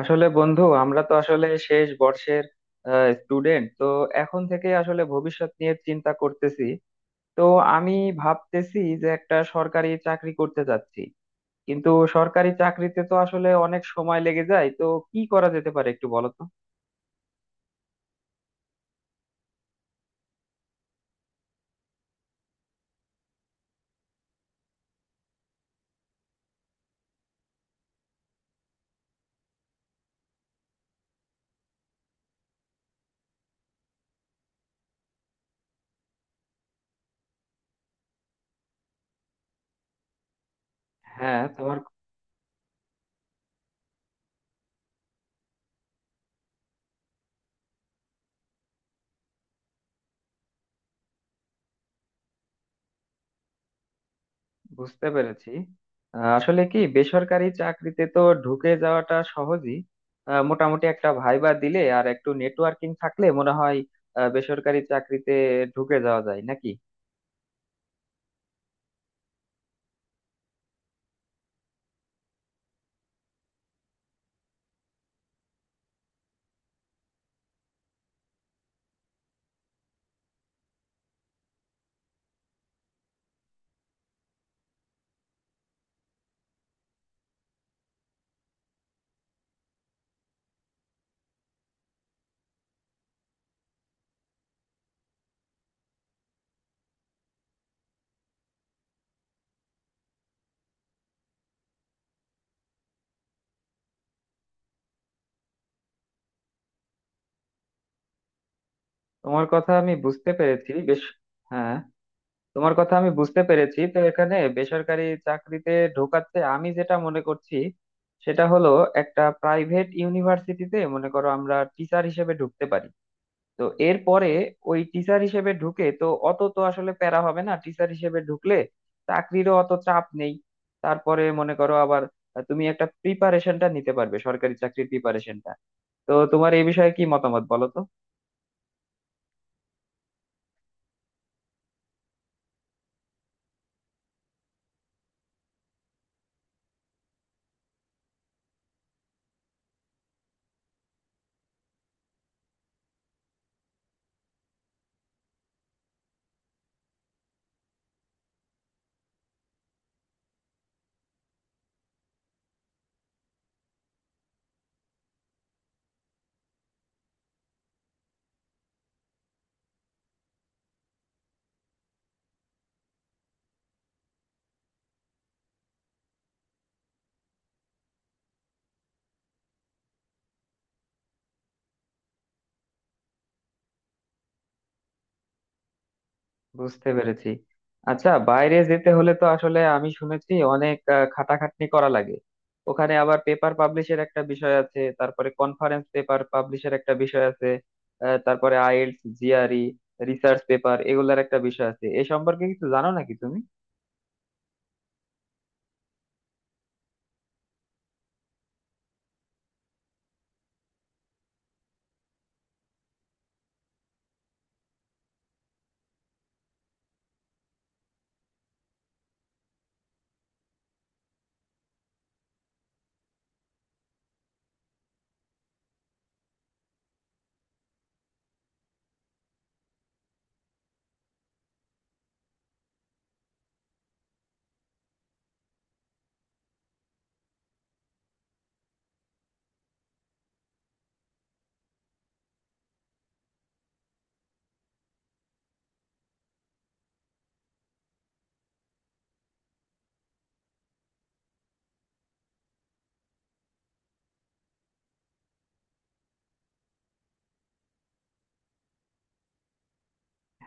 আসলে বন্ধু, আমরা তো আসলে শেষ বর্ষের স্টুডেন্ট, তো এখন থেকে আসলে ভবিষ্যৎ নিয়ে চিন্তা করতেছি। তো আমি ভাবতেছি যে একটা সরকারি চাকরি করতে যাচ্ছি, কিন্তু সরকারি চাকরিতে তো আসলে অনেক সময় লেগে যায়। তো কি করা যেতে পারে একটু বলো তো। হ্যাঁ তোমার। বুঝতে পেরেছি। আসলে কি, বেসরকারি চাকরিতে তো ঢুকে যাওয়াটা সহজই। মোটামুটি একটা ভাইবা দিলে আর একটু নেটওয়ার্কিং থাকলে মনে হয় বেসরকারি চাকরিতে ঢুকে যাওয়া যায় নাকি। তোমার কথা আমি বুঝতে পেরেছি বেশ। হ্যাঁ, তোমার কথা আমি বুঝতে পেরেছি। তো এখানে বেসরকারি চাকরিতে ঢোকাতে আমি যেটা মনে করছি, সেটা হলো একটা প্রাইভেট ইউনিভার্সিটিতে মনে করো আমরা টিচার হিসেবে ঢুকতে পারি। তো এরপরে ওই টিচার হিসেবে ঢুকে তো অত তো আসলে প্যারা হবে না, টিচার হিসেবে ঢুকলে চাকরিরও অত চাপ নেই। তারপরে মনে করো আবার তুমি একটা প্রিপারেশনটা নিতে পারবে, সরকারি চাকরির প্রিপারেশনটা। তো তোমার এই বিষয়ে কি মতামত বলো তো। বুঝতে পেরেছি। আচ্ছা, বাইরে যেতে হলে তো আসলে আমি শুনেছি অনেক খাটাখাটনি করা লাগে। ওখানে আবার পেপার পাবলিশের একটা বিষয় আছে, তারপরে কনফারেন্স পেপার পাবলিশের একটা বিষয় আছে, তারপরে আইএলটিএস, জিআরই, রিসার্চ পেপার এগুলার একটা বিষয় আছে। এ সম্পর্কে কিছু জানো নাকি তুমি?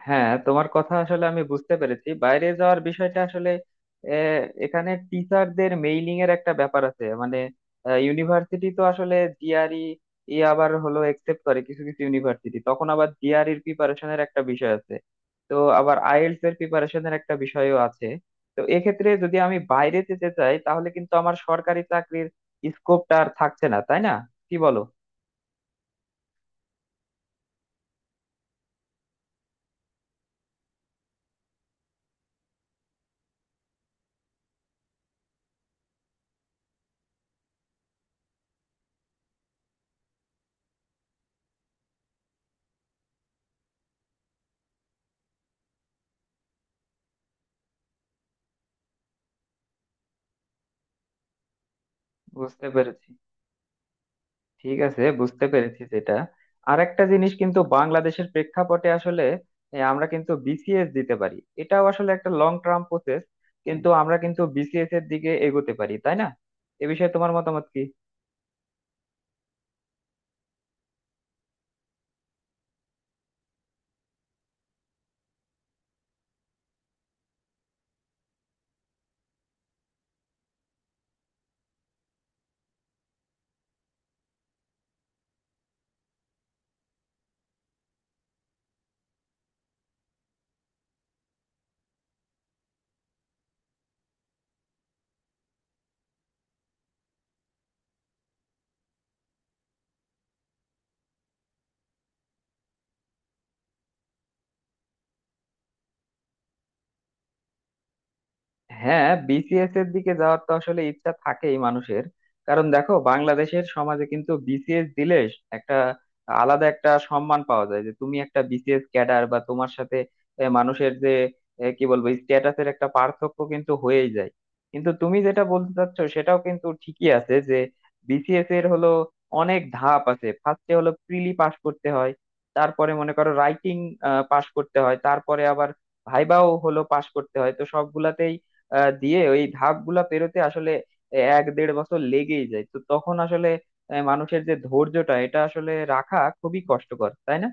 হ্যাঁ, তোমার কথা আসলে আমি বুঝতে পেরেছি। বাইরে যাওয়ার বিষয়টা আসলে আহ, এখানে টিচারদের মেইলিং এর একটা ব্যাপার আছে, মানে ইউনিভার্সিটি তো আসলে জিআরই ই আবার হলো একসেপ্ট করে কিছু কিছু ইউনিভার্সিটি, তখন আবার জিআরইর প্রিপারেশনের একটা বিষয় আছে। তো আবার আইএলটিএস এর প্রিপারেশনের একটা বিষয়ও আছে। তো এক্ষেত্রে যদি আমি বাইরে যেতে চাই, তাহলে কিন্তু আমার সরকারি চাকরির স্কোপটা আর থাকছে না, তাই না? কি বলো? বুঝতে পেরেছি। ঠিক আছে, বুঝতে পেরেছি সেটা। আর একটা জিনিস, কিন্তু বাংলাদেশের প্রেক্ষাপটে আসলে, আমরা কিন্তু বিসিএস দিতে পারি। এটাও আসলে একটা লং টার্ম প্রসেস, কিন্তু আমরা কিন্তু বিসিএস এর দিকে এগোতে পারি, তাই না? এ বিষয়ে তোমার মতামত কি? হ্যাঁ, বিসিএস এর দিকে যাওয়ার তো আসলে ইচ্ছা থাকেই মানুষের। কারণ দেখো, বাংলাদেশের সমাজে কিন্তু বিসিএস দিলে একটা আলাদা একটা সম্মান পাওয়া যায় যে তুমি একটা বিসিএস ক্যাডার, বা তোমার সাথে মানুষের যে কি বলবো, স্ট্যাটাসের একটা পার্থক্য কিন্তু হয়েই যায়। কিন্তু তুমি যেটা বলতে চাচ্ছ সেটাও কিন্তু ঠিকই আছে যে বিসিএস এর হলো অনেক ধাপ আছে। ফার্স্টে হলো প্রিলি পাস করতে হয়, তারপরে মনে করো রাইটিং পাস করতে হয়, তারপরে আবার ভাইভাও হলো পাস করতে হয়। তো সবগুলাতেই দিয়ে ওই ধাপগুলা পেরোতে আসলে এক দেড় বছর লেগেই যায়। তো তখন আসলে মানুষের যে ধৈর্যটা, এটা আসলে রাখা খুবই কষ্টকর, তাই না?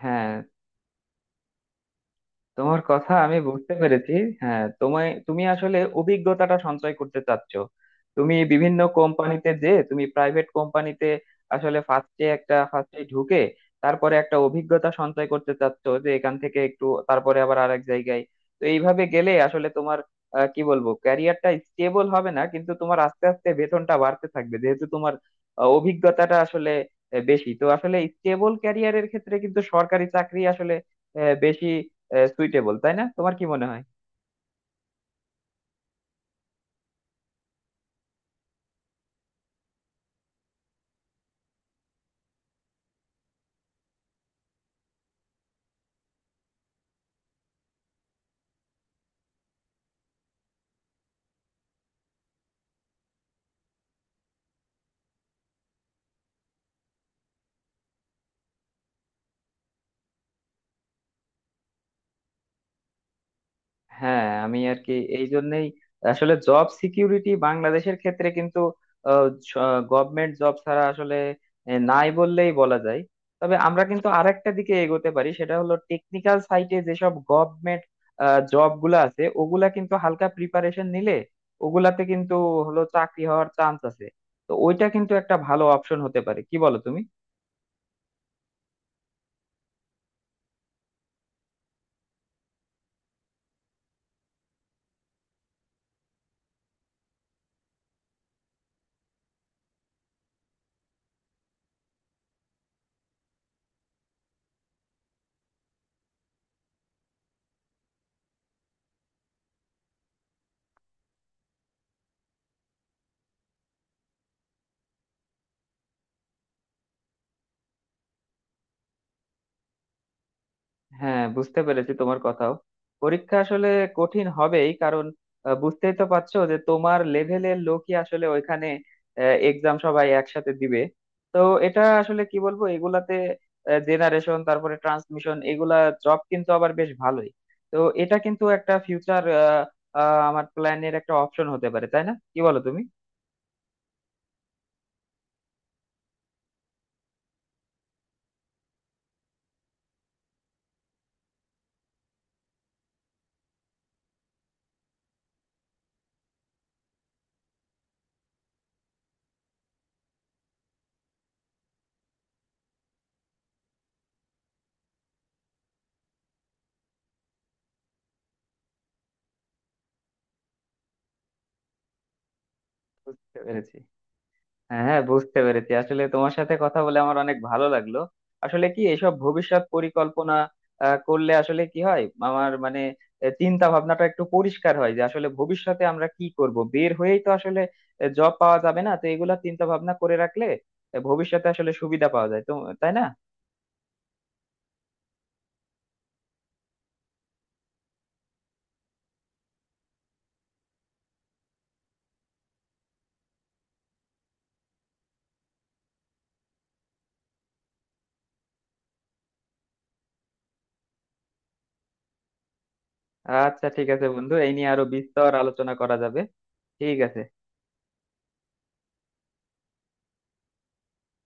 হ্যাঁ, তোমার কথা আমি বুঝতে পেরেছি। হ্যাঁ, তোমায় তুমি আসলে অভিজ্ঞতাটা সঞ্চয় করতে চাচ্ছ। তুমি বিভিন্ন কোম্পানিতে, যে তুমি প্রাইভেট কোম্পানিতে আসলে ফার্স্টে একটা ফার্স্টে ঢুকে তারপরে একটা অভিজ্ঞতা সঞ্চয় করতে চাচ্ছ, যে এখান থেকে একটু তারপরে আবার আরেক জায়গায়। তো এইভাবে গেলে আসলে তোমার কি বলবো, ক্যারিয়ারটা স্টেবল হবে না, কিন্তু তোমার আস্তে আস্তে বেতনটা বাড়তে থাকবে, যেহেতু তোমার অভিজ্ঞতাটা আসলে বেশি। তো আসলে স্টেবল ক্যারিয়ারের ক্ষেত্রে কিন্তু সরকারি চাকরি আসলে বেশি সুইটেবল, তাই না? তোমার কি মনে হয়? হ্যাঁ, আমি আর কি, এই জন্যই আসলে জব সিকিউরিটি বাংলাদেশের ক্ষেত্রে কিন্তু গভর্নমেন্ট জব ছাড়া আসলে নাই বললেই বলা যায়। তবে আমরা কিন্তু আরেকটা দিকে এগোতে পারি, সেটা হলো টেকনিক্যাল সাইটে যেসব গভর্নমেন্ট জব গুলা আছে ওগুলা কিন্তু হালকা প্রিপারেশন নিলে ওগুলাতে কিন্তু হলো চাকরি হওয়ার চান্স আছে। তো ওইটা কিন্তু একটা ভালো অপশন হতে পারে, কি বলো তুমি? হ্যাঁ, বুঝতে পেরেছি তোমার কথাও। পরীক্ষা আসলে কঠিন হবেই, কারণ বুঝতেই তো পারছো যে তোমার লেভেলের লোকই আসলে ওইখানে এক্সাম সবাই একসাথে দিবে। তো এটা আসলে কি বলবো, এগুলাতে জেনারেশন, তারপরে ট্রান্সমিশন, এগুলা জব কিন্তু আবার বেশ ভালোই। তো এটা কিন্তু একটা ফিউচার, আমার প্ল্যানের একটা অপশন হতে পারে, তাই না? কি বলো তুমি? বুঝতে পেরেছি। হ্যাঁ হ্যাঁ, বুঝতে পেরেছি। আসলে তোমার সাথে কথা বলে আমার অনেক ভালো লাগলো। আসলে কি, এসব ভবিষ্যৎ পরিকল্পনা করলে আসলে কি হয় আমার, মানে, চিন্তা ভাবনাটা একটু পরিষ্কার হয় যে আসলে ভবিষ্যতে আমরা কি করব। বের হয়েই তো আসলে জব পাওয়া যাবে না, তো এগুলা চিন্তা ভাবনা করে রাখলে, ভবিষ্যতে আসলে সুবিধা পাওয়া যায় তো, তাই না? আচ্ছা ঠিক আছে বন্ধু, এই নিয়ে আরো বিস্তর আলোচনা করা যাবে। ঠিক আছে।